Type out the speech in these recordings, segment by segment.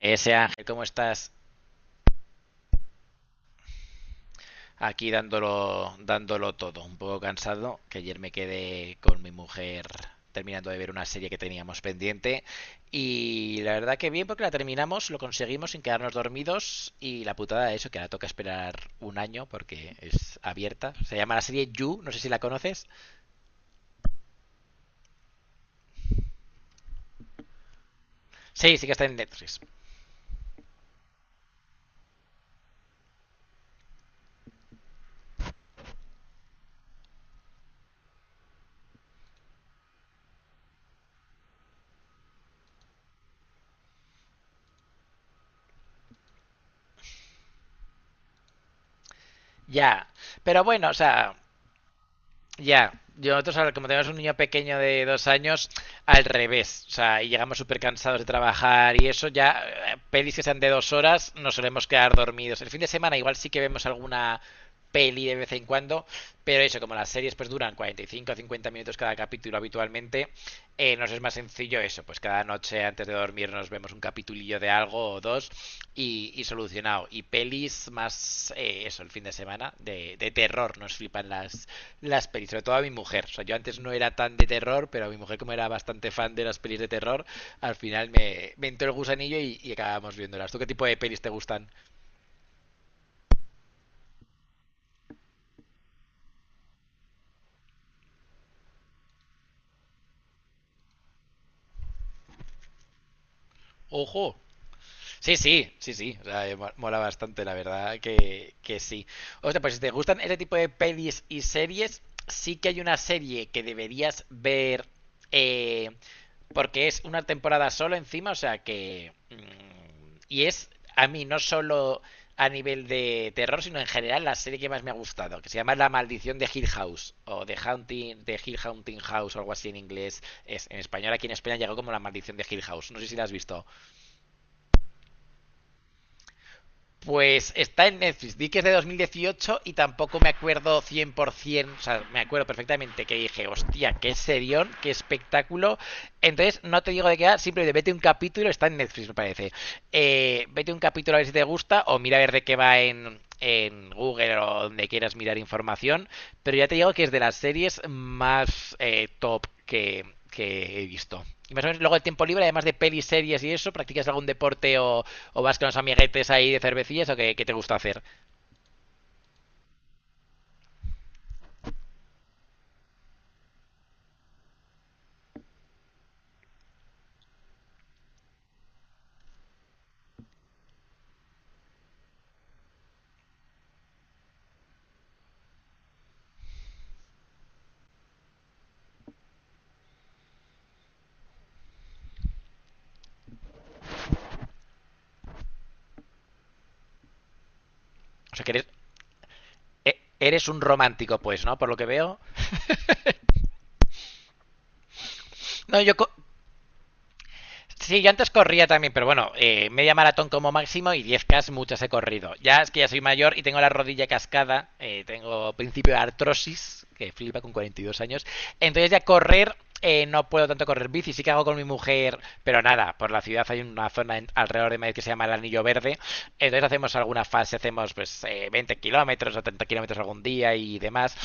Ese Ángel, ¿cómo estás? Aquí dándolo, dándolo todo. Un poco cansado, que ayer me quedé con mi mujer terminando de ver una serie que teníamos pendiente. Y la verdad que bien, porque la terminamos, lo conseguimos sin quedarnos dormidos. Y la putada de eso, que ahora toca esperar un año porque es abierta. Se llama la serie You, no sé si la conoces. Sí, sí que está en Netflix. Ya. Pero bueno, o sea, ya, yo nosotros ahora, como tenemos un niño pequeño de 2 años, al revés, o sea, y llegamos súper cansados de trabajar y eso, ya pelis que sean de 2 horas nos solemos quedar dormidos. El fin de semana igual sí que vemos alguna peli de vez en cuando, pero eso, como las series pues duran 45 o 50 minutos cada capítulo habitualmente, nos es más sencillo eso, pues cada noche antes de dormir nos vemos un capitulillo de algo o dos y solucionado. Y pelis más eso, el fin de semana, de terror, nos flipan las pelis, sobre todo a mi mujer. O sea, yo antes no era tan de terror, pero a mi mujer, como era bastante fan de las pelis de terror, al final me entró el gusanillo y acabamos viéndolas. ¿Tú qué tipo de pelis te gustan? ¡Ojo! Sí, sí, sí, sí. O sea, mola bastante, la verdad que sí. O sea, pues si te gustan ese tipo de pelis y series, sí que hay una serie que deberías ver eh, porque es una temporada solo encima, o sea que. Y es, a mí, no solo a nivel de terror, sino en general la serie que más me ha gustado, que se llama La Maldición de Hill House, o The Haunting, The Hill Haunting House, o algo así en inglés. Es, en español aquí en España llegó como La Maldición de Hill House. No sé si la has visto. Pues está en Netflix. Di que es de 2018 y tampoco me acuerdo 100%. O sea, me acuerdo perfectamente que dije, hostia, qué serión, qué espectáculo. Entonces, no te digo de qué va, simplemente vete un capítulo. Está en Netflix, me parece. Vete un capítulo a ver si te gusta o mira a ver de qué va en Google o donde quieras mirar información. Pero ya te digo que es de las series más top que he visto. Y más o menos luego de tiempo libre, además de pelis, series y eso, ¿practicas algún deporte o vas con los amiguetes ahí de cervecillas o qué, qué te gusta hacer? O sea, que eres, eres un romántico, pues, ¿no? Por lo que veo. No, yo co- Sí, yo antes corría también, pero bueno, media maratón como máximo y 10K muchas he corrido. Ya es que ya soy mayor y tengo la rodilla cascada, tengo principio de artrosis, que flipa con 42 años. Entonces ya correr, no puedo tanto correr bici, sí que hago con mi mujer, pero nada, por la ciudad hay una zona alrededor de Madrid que se llama el Anillo Verde, entonces hacemos alguna fase, hacemos pues 20 kilómetros o 30 kilómetros algún día y demás.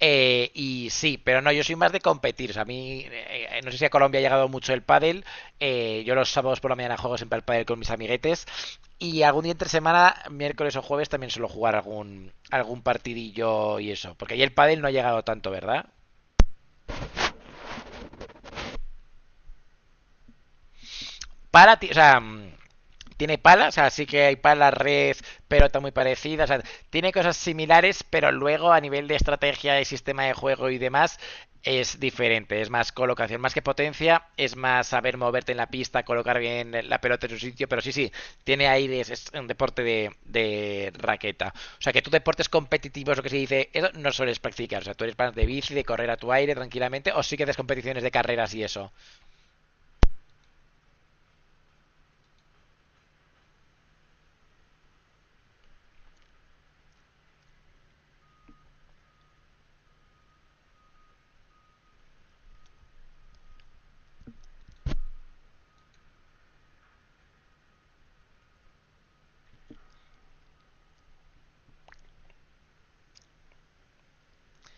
Y sí, pero no, yo soy más de competir. O sea, a mí, no sé si a Colombia ha llegado mucho el pádel. Yo los sábados por la mañana juego siempre al pádel con mis amiguetes. Y algún día entre semana, miércoles o jueves, también suelo jugar algún partidillo y eso. Porque ahí el pádel no ha llegado tanto, ¿verdad? Para ti, o sea, mm, tiene palas, o sea, sí que hay palas, red, pelota muy parecida, o sea, tiene cosas similares, pero luego a nivel de estrategia y sistema de juego y demás es diferente, es más colocación, más que potencia, es más saber moverte en la pista, colocar bien la pelota en su sitio, pero sí, sí, tiene aire, es un deporte de raqueta. O sea, que tú deportes competitivos, lo que se dice, eso no sueles practicar, o sea, tú eres más de bici, de correr a tu aire tranquilamente, o sí que haces competiciones de carreras y eso.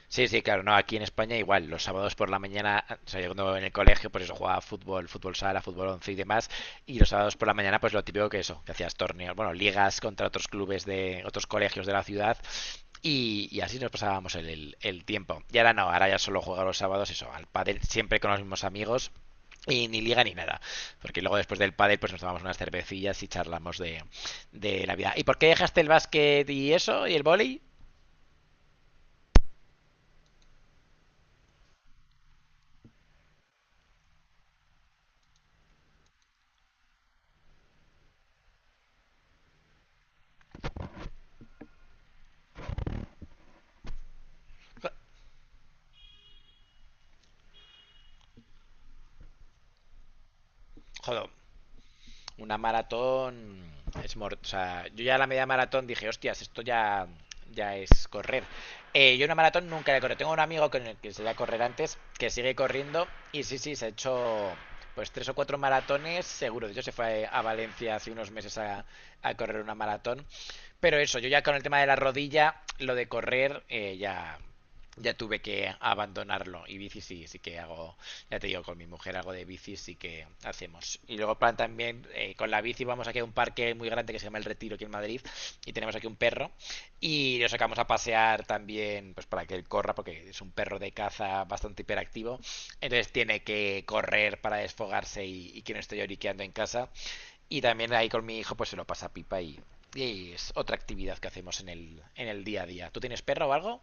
Sí, sí, claro, no, aquí en España igual, los sábados por la mañana, o sea, yo cuando en el colegio, pues eso, jugaba fútbol, fútbol sala, fútbol once y demás, y los sábados por la mañana, pues lo típico que eso, que hacías torneos, bueno, ligas contra otros clubes de otros colegios de la ciudad, y así nos pasábamos el tiempo. Y ahora no, ahora ya solo juego los sábados, eso, al pádel, siempre con los mismos amigos, y ni liga ni nada, porque luego después del pádel, pues nos tomamos unas cervecillas y charlamos de la vida. ¿Y por qué dejaste el básquet y eso, y el vóley? Joder. Una maratón es mor o sea, yo ya a la media maratón dije, hostias, esto ya, ya es correr. Yo una maratón nunca la he corrido. Tengo un amigo con el que se iba a correr antes, que sigue corriendo, y sí, sí, se ha hecho pues tres o cuatro maratones, seguro. De hecho, se fue a Valencia hace unos meses correr una maratón. Pero eso, yo ya con el tema de la rodilla, lo de correr, ya, ya tuve que abandonarlo. Y bici sí, sí que hago ya te digo, con mi mujer algo de bici sí que hacemos. Y luego plan también, con la bici vamos aquí a un parque muy grande que se llama El Retiro aquí en Madrid y tenemos aquí un perro y lo sacamos a pasear también pues para que él corra porque es un perro de caza bastante hiperactivo. Entonces tiene que correr para desfogarse y que no esté lloriqueando en casa. Y también ahí con mi hijo pues se lo pasa pipa y es otra actividad que hacemos en en el día a día. ¿Tú tienes perro o algo?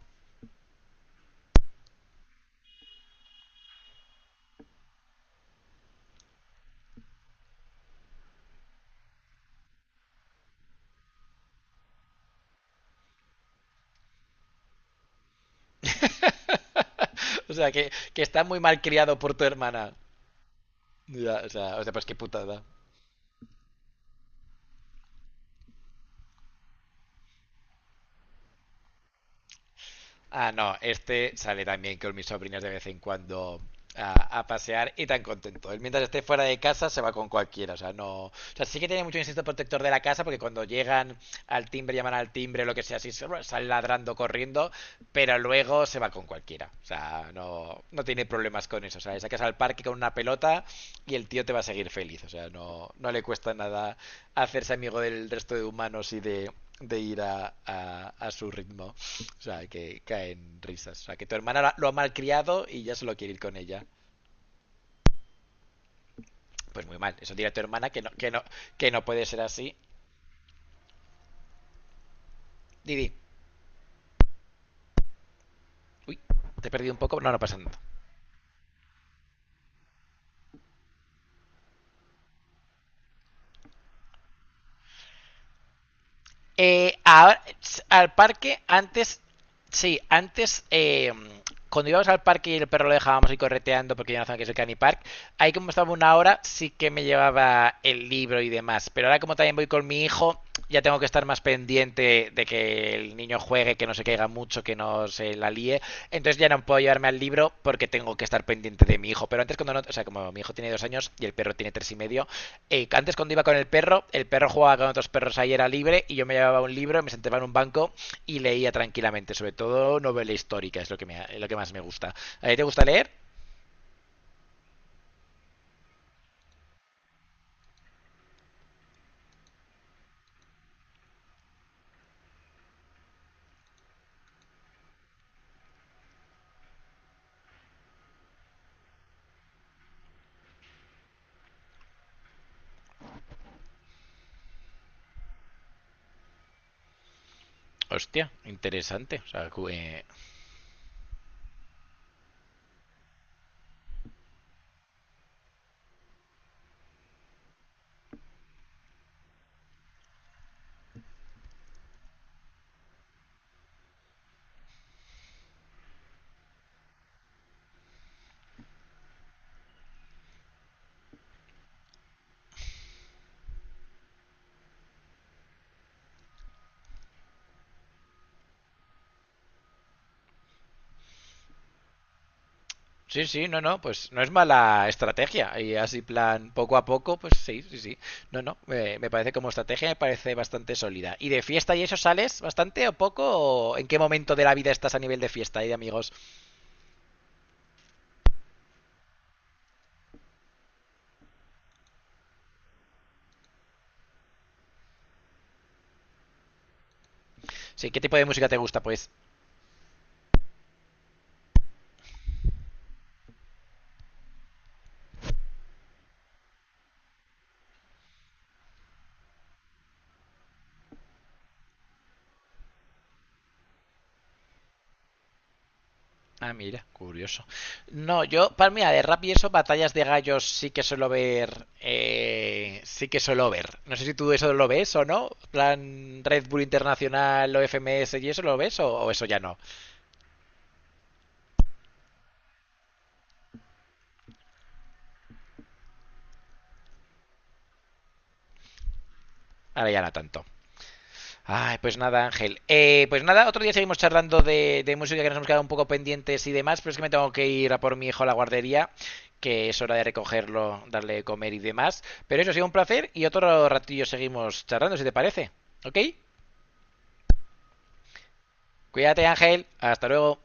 O sea, que está muy mal criado por tu hermana. Ya, o sea, pues qué putada. Ah, no, este sale también con mis sobrinas de vez en cuando a pasear y tan contento. Él mientras esté fuera de casa se va con cualquiera, o sea, no. O sea, sí que tiene mucho instinto protector de la casa porque cuando llegan al timbre, llaman al timbre, lo que sea, así sale ladrando, corriendo, pero luego se va con cualquiera. O sea, no, no tiene problemas con eso. O sea, le sacas al parque con una pelota y el tío te va a seguir feliz. O sea, no, no le cuesta nada hacerse amigo del resto de humanos y de ir a su ritmo. O sea, que caen risas. O sea, que tu hermana lo ha malcriado y ya se lo quiere ir con ella. Pues muy mal. Eso dirá tu hermana que no, que no puede ser así. Didi, uy, te he perdido un poco. No, no pasa nada. Ahora, al parque, antes, sí, antes, cuando íbamos al parque y el perro lo dejábamos ir correteando porque ya no zona que es el Canny Park, ahí como estaba una hora, sí que me llevaba el libro y demás. Pero ahora como también voy con mi hijo, ya tengo que estar más pendiente de que el niño juegue, que no se caiga mucho, que no se la líe. Entonces ya no puedo llevarme al libro porque tengo que estar pendiente de mi hijo. Pero antes cuando no, o sea, como mi hijo tiene 2 años y el perro tiene 3 y medio, antes cuando iba con el perro jugaba con otros perros ahí era libre y yo me llevaba un libro, me sentaba en un banco y leía tranquilamente, sobre todo novela histórica, es lo que, me, es lo que más me gusta. ¿A ti te gusta leer? Hostia, interesante. O sea, sí, sí, no, no, pues no es mala estrategia. Y así, plan, poco a poco, pues sí, sí, sí. No, no, me parece como estrategia, me parece bastante sólida. ¿Y de fiesta y eso sales bastante o poco? ¿O en qué momento de la vida estás a nivel de fiesta y de amigos? Sí, ¿qué tipo de música te gusta, pues? Ah, mira, curioso. No, yo, para mí, de rap y eso, batallas de gallos sí que suelo ver. Sí que suelo ver. No sé si tú eso lo ves o no. Plan Red Bull Internacional o FMS y eso lo ves o eso ya no. Ahora ya no tanto. Ay, pues nada, Ángel. Pues nada, otro día seguimos charlando de música que nos hemos quedado un poco pendientes y demás, pero es que me tengo que ir a por mi hijo a la guardería, que es hora de recogerlo, darle de comer y demás. Pero eso ha sido un placer y otro ratillo seguimos charlando, si te parece. ¿Ok? Cuídate, Ángel. Hasta luego.